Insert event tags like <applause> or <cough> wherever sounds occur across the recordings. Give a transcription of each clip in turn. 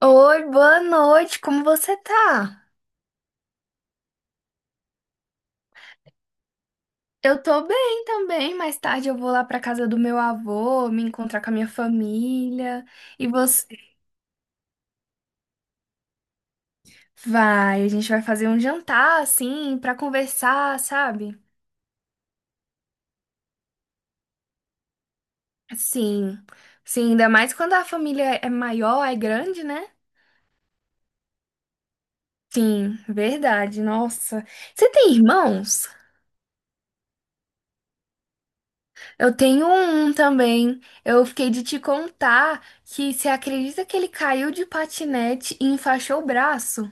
Oi, boa noite, como você tá? Eu tô bem também. Mais tarde eu vou lá pra casa do meu avô, me encontrar com a minha família. E você vai, a gente vai fazer um jantar assim pra conversar, sabe? Sim. Sim, ainda mais quando a família é maior, é grande, né? Sim, verdade. Nossa. Você tem irmãos? Eu tenho um também. Eu fiquei de te contar que você acredita que ele caiu de patinete e enfaixou o braço?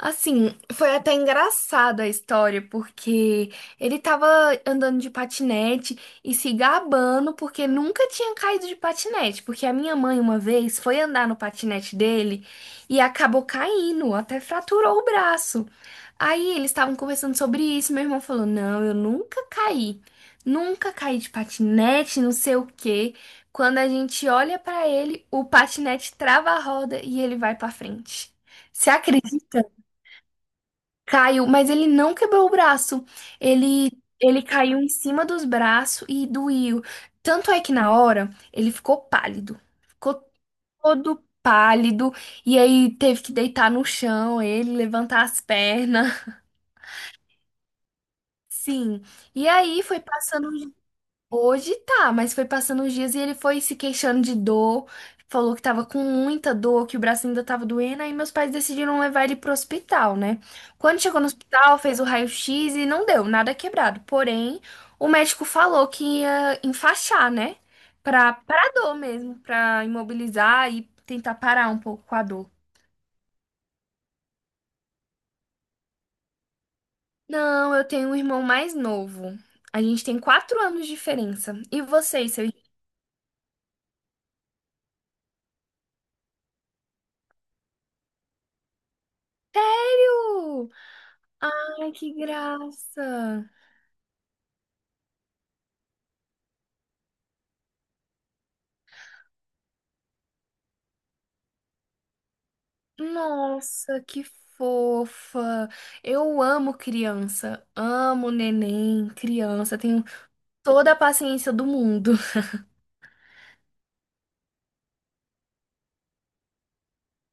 Assim, foi até engraçada a história, porque ele tava andando de patinete e se gabando porque nunca tinha caído de patinete. Porque a minha mãe, uma vez, foi andar no patinete dele e acabou caindo, até fraturou o braço. Aí eles estavam conversando sobre isso. Meu irmão falou: Não, eu nunca caí, nunca caí de patinete, não sei o quê. Quando a gente olha pra ele, o patinete trava a roda e ele vai pra frente. Você acredita? Caiu, mas ele não quebrou o braço. Ele, ele caiu em cima dos braços e doía. Tanto é que na hora ele ficou pálido. Ficou todo pálido. E aí teve que deitar no chão, ele levantar as pernas. Sim. E aí foi passando. Hoje tá, mas foi passando os dias e ele foi se queixando de dor, falou que tava com muita dor, que o braço ainda tava doendo, aí meus pais decidiram levar ele pro hospital, né? Quando chegou no hospital, fez o raio-x e não deu, nada quebrado. Porém, o médico falou que ia enfaixar, né? Pra dor mesmo, pra imobilizar e tentar parar um pouco com a dor. Não, eu tenho um irmão mais novo. A gente tem quatro anos de diferença. E vocês, seu irmão? Sério? Ai, que graça! Nossa, que fofa! Eu amo criança, amo neném, criança, tenho toda a paciência do mundo.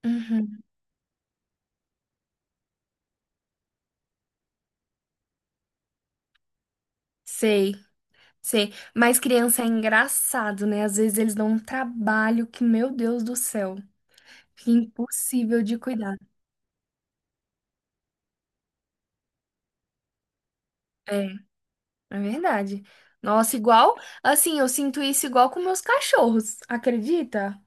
Uhum. Sei, sei. Mas criança é engraçado, né? Às vezes eles dão um trabalho que, meu Deus do céu, fica impossível de cuidar. É, é verdade. Nossa, igual, assim, eu sinto isso igual com meus cachorros, acredita?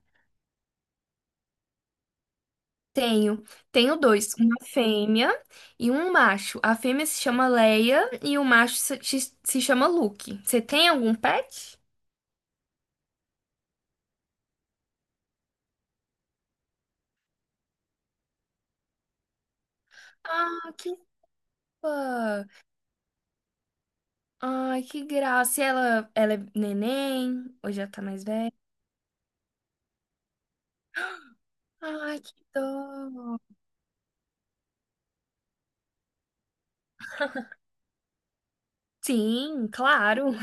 Tenho. Tenho dois, uma fêmea e um macho. A fêmea se chama Leia e o macho se chama Luke. Você tem algum pet? Ah, que fã! Ai, que graça! E ela é neném, hoje ela tá mais velha. Ai, que dó! Sim, claro!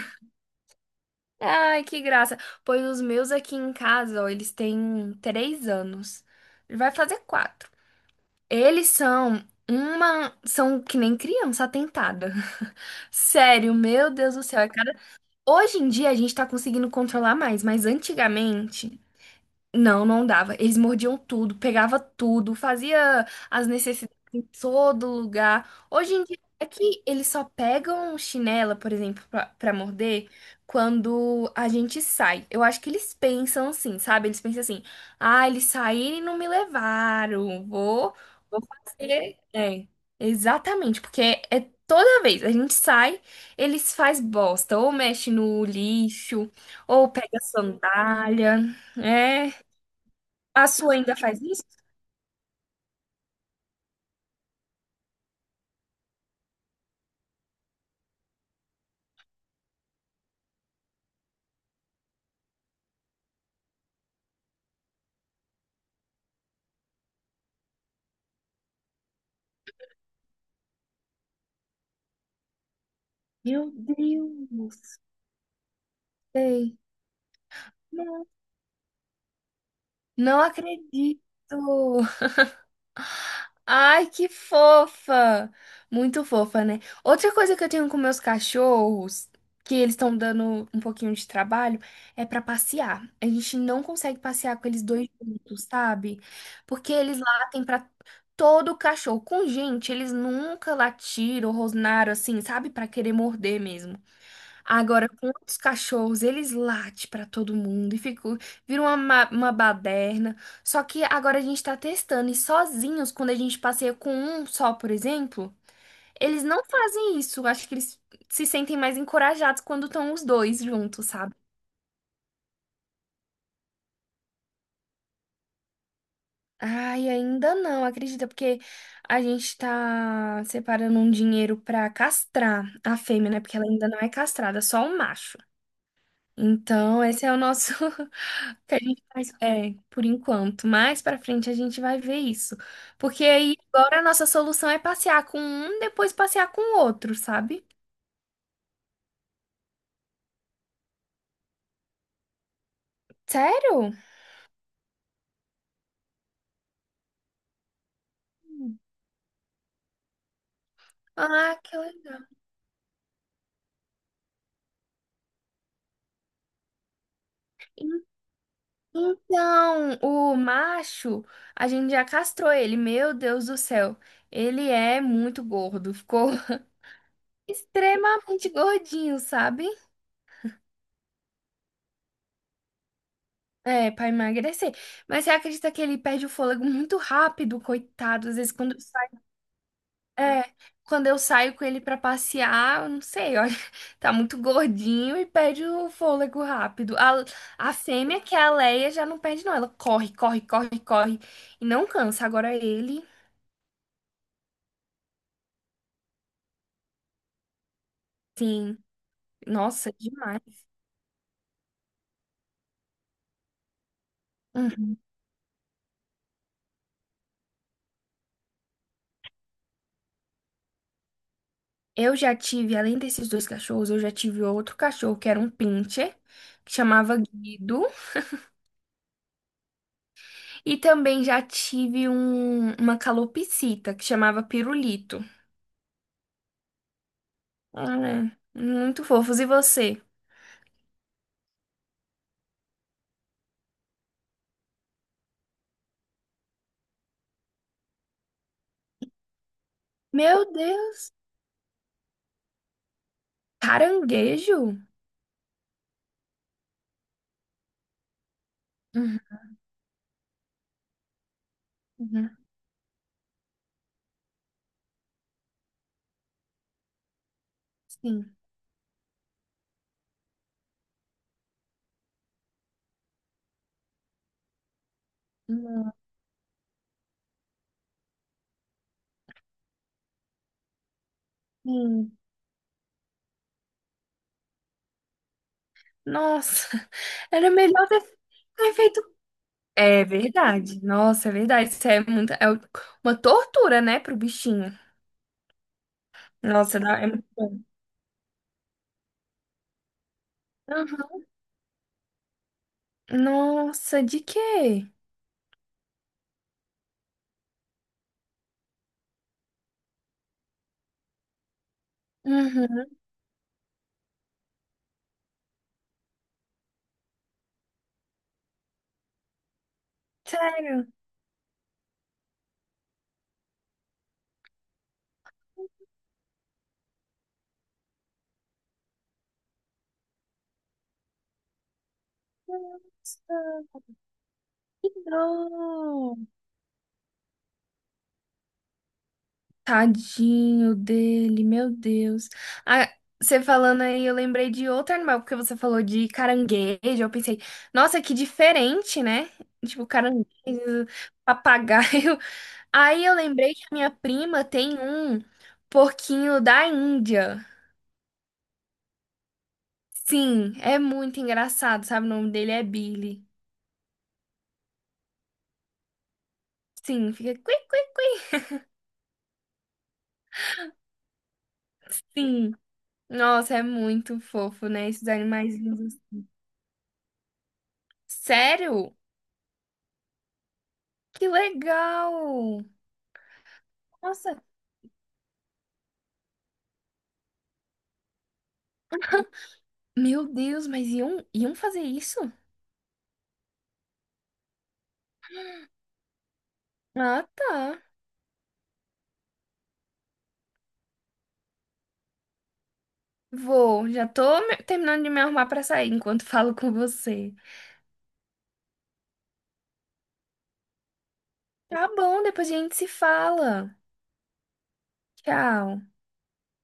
Ai, que graça! Pois os meus aqui em casa, ó, eles têm três anos. Vai fazer quatro. Eles são uma. São que nem criança atentada. <laughs> Sério, meu Deus do céu. É cada... Hoje em dia a gente tá conseguindo controlar mais, mas antigamente não dava. Eles mordiam tudo, pegava tudo, fazia as necessidades em todo lugar. Hoje em dia é que eles só pegam chinela, por exemplo, pra morder quando a gente sai. Eu acho que eles pensam assim, sabe? Eles pensam assim: "Ah, eles saíram e não me levaram. Vou fazer". É, exatamente, porque é toda vez a gente sai, eles faz bosta, ou mexe no lixo, ou pega sandália. É a sua ainda faz isso? Meu Deus, sei. Não, não acredito. Ai, que fofa! Muito fofa, né? Outra coisa que eu tenho com meus cachorros, que eles estão dando um pouquinho de trabalho, é pra passear. A gente não consegue passear com eles dois juntos, sabe? Porque eles latem pra todo cachorro. Com gente, eles nunca latiram, rosnaram assim, sabe? Pra querer morder mesmo. Agora, com os cachorros, eles latem pra todo mundo e ficou, vira uma baderna. Só que agora a gente tá testando e sozinhos, quando a gente passeia com um só, por exemplo, eles não fazem isso. Acho que eles se sentem mais encorajados quando estão os dois juntos, sabe? Ai, ainda não, acredita, porque a gente tá separando um dinheiro pra castrar a fêmea, né? Porque ela ainda não é castrada, só o macho. Então, esse é o nosso. <laughs> Que a gente faz, é, por enquanto. Mais pra frente a gente vai ver isso. Porque aí agora a nossa solução é passear com um, depois passear com o outro, sabe? Sério? Hum. Ah, que legal. Então, o macho, a gente já castrou ele. Meu Deus do céu. Ele é muito gordo. Ficou <laughs> extremamente gordinho, sabe? É, pra emagrecer. Mas você acredita que ele perde o fôlego muito rápido, coitado? Às vezes, quando... É, quando eu saio com ele pra passear, eu não sei, olha, <laughs> tá muito gordinho e perde o fôlego rápido. A fêmea, que é a Leia, já não perde, não. Ela corre, corre, corre, corre e não cansa. Agora ele, sim, nossa, demais. Uhum. Eu já tive, além desses dois cachorros, eu já tive outro cachorro que era um pincher, que chamava Guido, e também já tive uma calopsita que chamava Pirulito. Ah, é. Muito fofos. E você? Meu Deus! Caranguejo? Uhum, uhum. Sim. Não. Sim. Nossa, <laughs> era melhor ter, ter feito. É verdade. Nossa, é verdade. Isso é muita, é uma tortura, né, pro bichinho. Nossa, dá- é muito bom. Uhum. Nossa, de quê? Uhum. Sério? Não. Tadinho dele, meu Deus. Ah, você falando aí, eu lembrei de outro animal, porque você falou de caranguejo. Eu pensei, nossa, que diferente, né? Tipo, caranguejo, papagaio. <laughs> Aí eu lembrei que a minha prima tem um porquinho da Índia. Sim, é muito engraçado, sabe? O nome dele é Billy. Sim, fica cui, cui, cui. Sim. Nossa, é muito fofo, né? Esses animais lindos. Sério? Que legal! Nossa, meu Deus, mas iam fazer isso? Ah, tá. Vou, já tô terminando de me arrumar pra sair enquanto <laughs> falo com você. Tá bom, depois a gente se fala. Tchau.